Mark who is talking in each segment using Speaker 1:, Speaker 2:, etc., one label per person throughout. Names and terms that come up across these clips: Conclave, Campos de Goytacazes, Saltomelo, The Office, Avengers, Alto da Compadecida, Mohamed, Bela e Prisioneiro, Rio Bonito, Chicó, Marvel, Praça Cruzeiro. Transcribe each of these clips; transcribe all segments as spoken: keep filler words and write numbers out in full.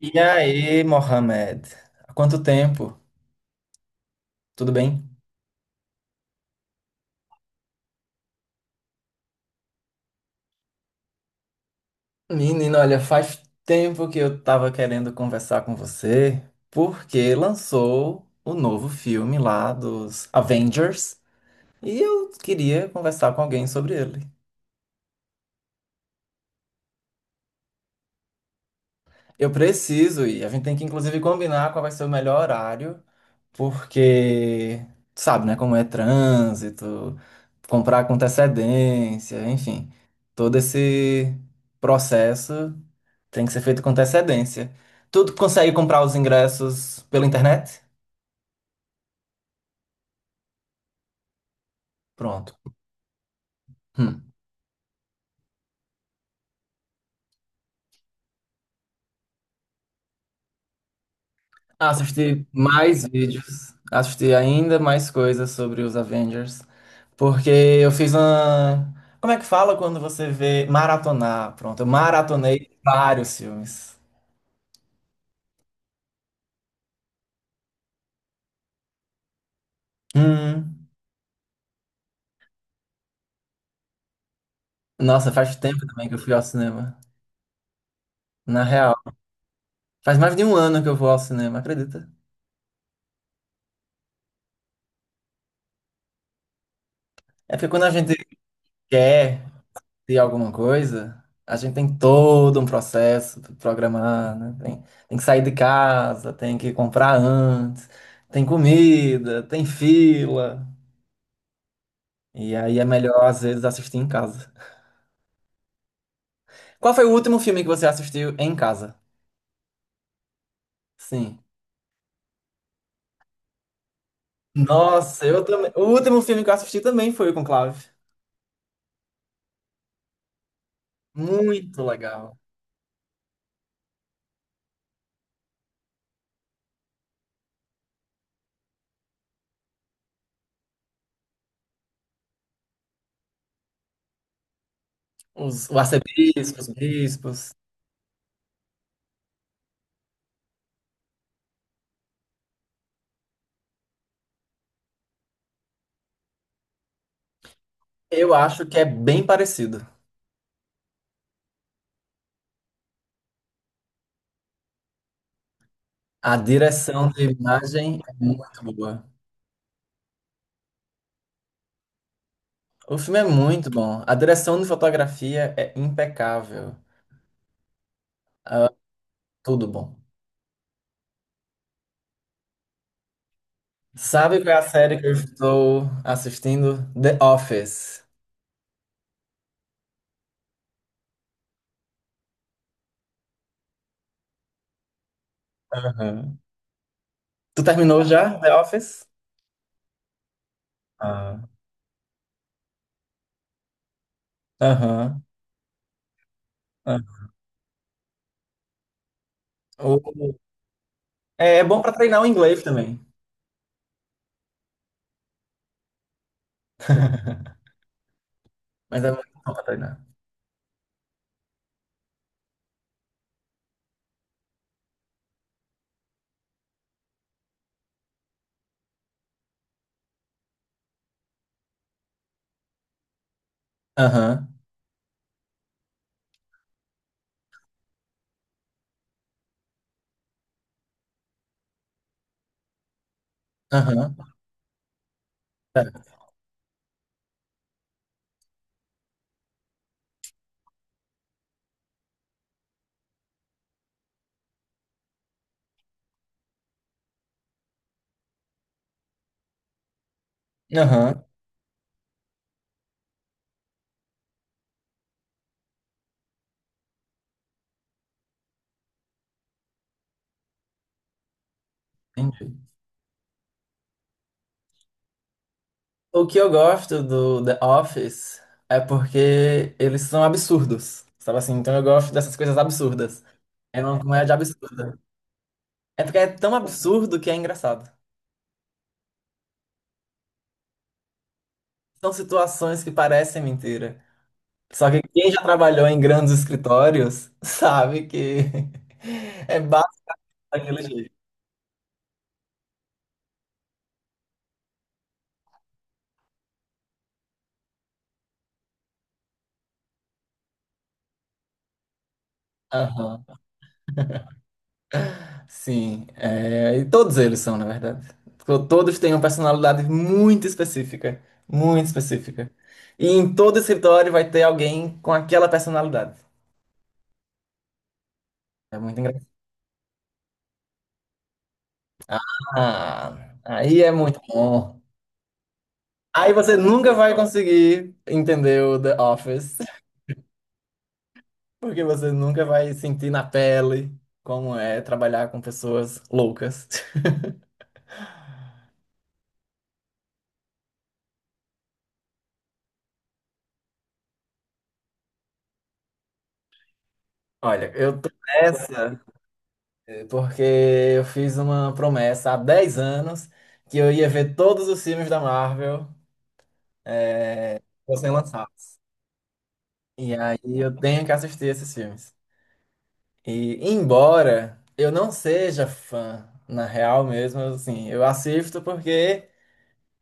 Speaker 1: E aí, Mohamed? Há quanto tempo? Tudo bem? Menino, olha, faz tempo que eu tava querendo conversar com você, porque lançou o novo filme lá dos Avengers e eu queria conversar com alguém sobre ele. Eu preciso ir, a gente tem que inclusive combinar qual vai ser o melhor horário porque sabe, né, como é trânsito, comprar com antecedência, enfim, todo esse processo tem que ser feito com antecedência. Tu consegue comprar os ingressos pela internet? Pronto. Hum. Assisti mais vídeos, assisti ainda mais coisas sobre os Avengers, porque eu fiz uma. Como é que fala quando você vê maratonar? Pronto, eu maratonei vários filmes. Hum. Nossa, faz tempo também que eu fui ao cinema. Na real, faz mais de um ano que eu vou ao cinema, acredita? É porque quando a gente quer ter alguma coisa, a gente tem todo um processo pra programar, né? Tem, tem que sair de casa, tem que comprar antes, tem comida, tem fila. E aí é melhor, às vezes, assistir em casa. Qual foi o último filme que você assistiu em casa? Sim. Nossa, eu também. O último filme que eu assisti também foi o Conclave. Muito legal. Os, o arcebispos, bispos. Eu acho que é bem parecido. A direção de imagem é muito boa. O filme é muito bom. A direção de fotografia é impecável. Tudo bom. Sabe qual é a série que eu estou assistindo? The Office. Aham. Tu terminou já The Office? Ah. Aham. Aham. O- É, é bom pra treinar o inglês também. Mas é muito bom pra treinar. Aham. Aham. É. Aham. Entendi. O que eu gosto do The Office é porque eles são absurdos, sabe assim? Então eu gosto dessas coisas absurdas. É uma comédia absurda. É porque é tão absurdo que é engraçado. São situações que parecem mentira. Só que quem já trabalhou em grandes escritórios sabe que é básico daquele jeito. Aham. Sim, é, e todos eles são, na verdade. To- Todos têm uma personalidade muito específica, muito específica. E em todo escritório vai ter alguém com aquela personalidade. É muito engraçado. Ah, aí é muito bom. Aí você nunca vai conseguir entender o The Office, porque você nunca vai sentir na pele como é trabalhar com pessoas loucas. Olha, eu tô nessa. Porque eu fiz uma promessa há dez anos que eu ia ver todos os filmes da Marvel sendo lançados. E aí eu tenho que assistir esses filmes. E embora eu não seja fã, na real mesmo, assim, eu assisto porque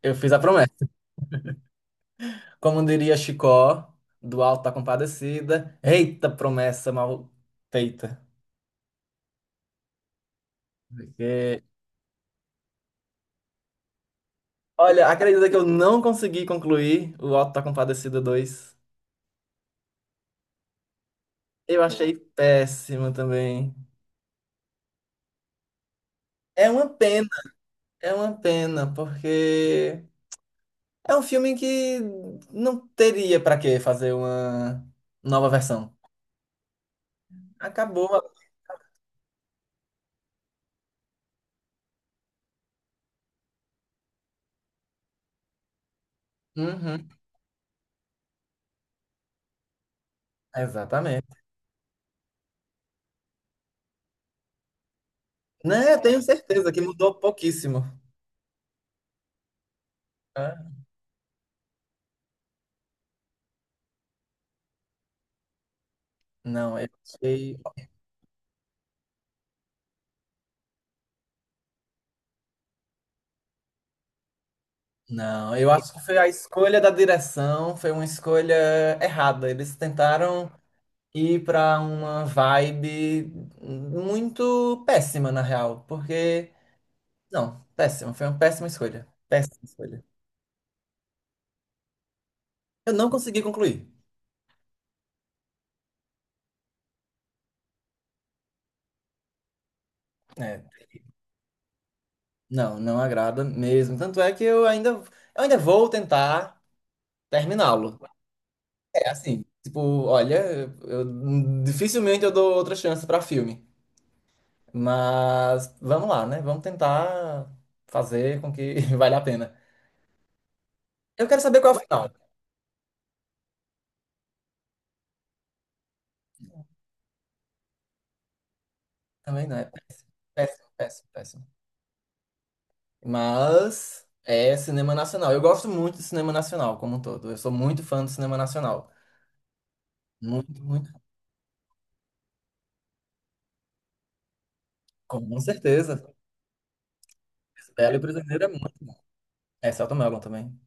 Speaker 1: eu fiz a promessa. Como diria Chicó, do Alto da Compadecida, eita promessa mal feita. Porque, olha, acredita que eu não consegui concluir o Alto da Compadecida dois. Eu achei péssimo também. É uma pena, é uma pena, porque é um filme que não teria pra que fazer uma nova versão. Acabou. Uhum, exatamente. Né, tenho certeza que mudou pouquíssimo. É. Não, eu achei. Não, eu acho que foi a escolha da direção, foi uma escolha errada. Eles tentaram ir pra uma vibe muito péssima, na real, porque. Não, péssima, foi uma péssima escolha. Péssima escolha. Eu não consegui concluir. É, não, não agrada mesmo. Tanto é que eu ainda, eu ainda vou tentar terminá-lo. É assim, tipo, olha, eu- dificilmente eu dou outra chance pra filme. Mas vamos lá, né? Vamos tentar fazer com que valha a pena. Eu quero saber qual é o final. Também não é péssimo, péssimo, péssimo. Mas é cinema nacional. Eu gosto muito de cinema nacional como um todo. Eu sou muito fã do cinema nacional. Muito, muito. Com certeza. Bela e Prisioneiro é. É, Saltomelo também.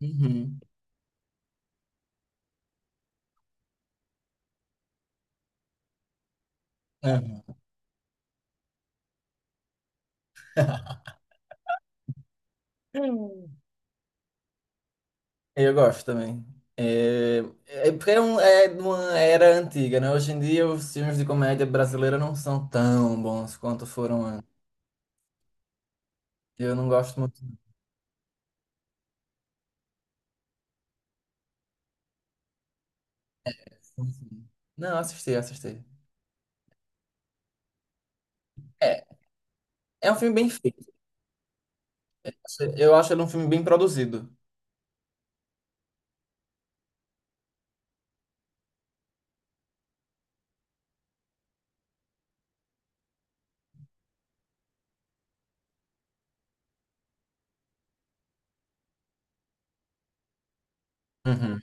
Speaker 1: Uhum. Aham. Hum. Eu gosto também. É, é porque é, um, é de uma era antiga, né? Hoje em dia os filmes de comédia brasileira não são tão bons quanto foram antes. Eu não gosto muito disso. Não, assisti, assisti. É, é um filme bem feito. Eu acho ele um filme bem produzido. Uhum.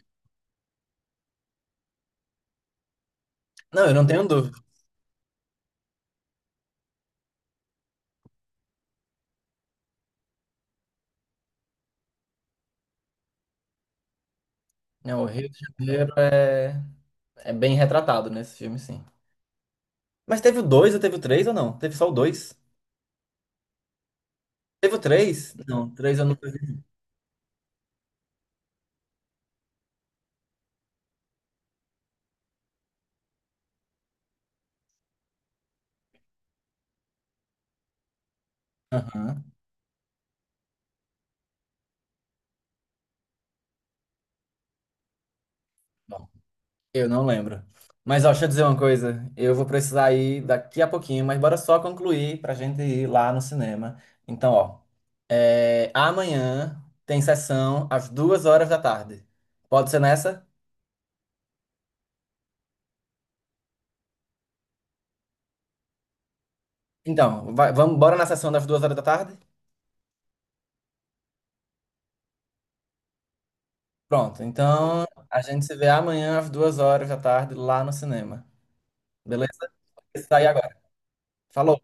Speaker 1: Não, eu não tenho dúvida. Né? O Rio de Janeiro é, é bem retratado nesse filme, sim. Mas teve o dois ou teve o três ou não? Teve só o dois? Teve o três? Não, três eu não. Aham. Bom, eu não lembro. Mas ó, deixa eu dizer uma coisa. Eu vou precisar ir daqui a pouquinho, mas bora só concluir pra gente ir lá no cinema. Então, ó, é, amanhã tem sessão às duas horas da tarde. Pode ser nessa? Então, vai- vamos, bora na sessão das duas horas da tarde? Pronto. Então, a gente se vê amanhã às duas horas da tarde lá no cinema. Beleza? Vou precisar ir agora. Falou.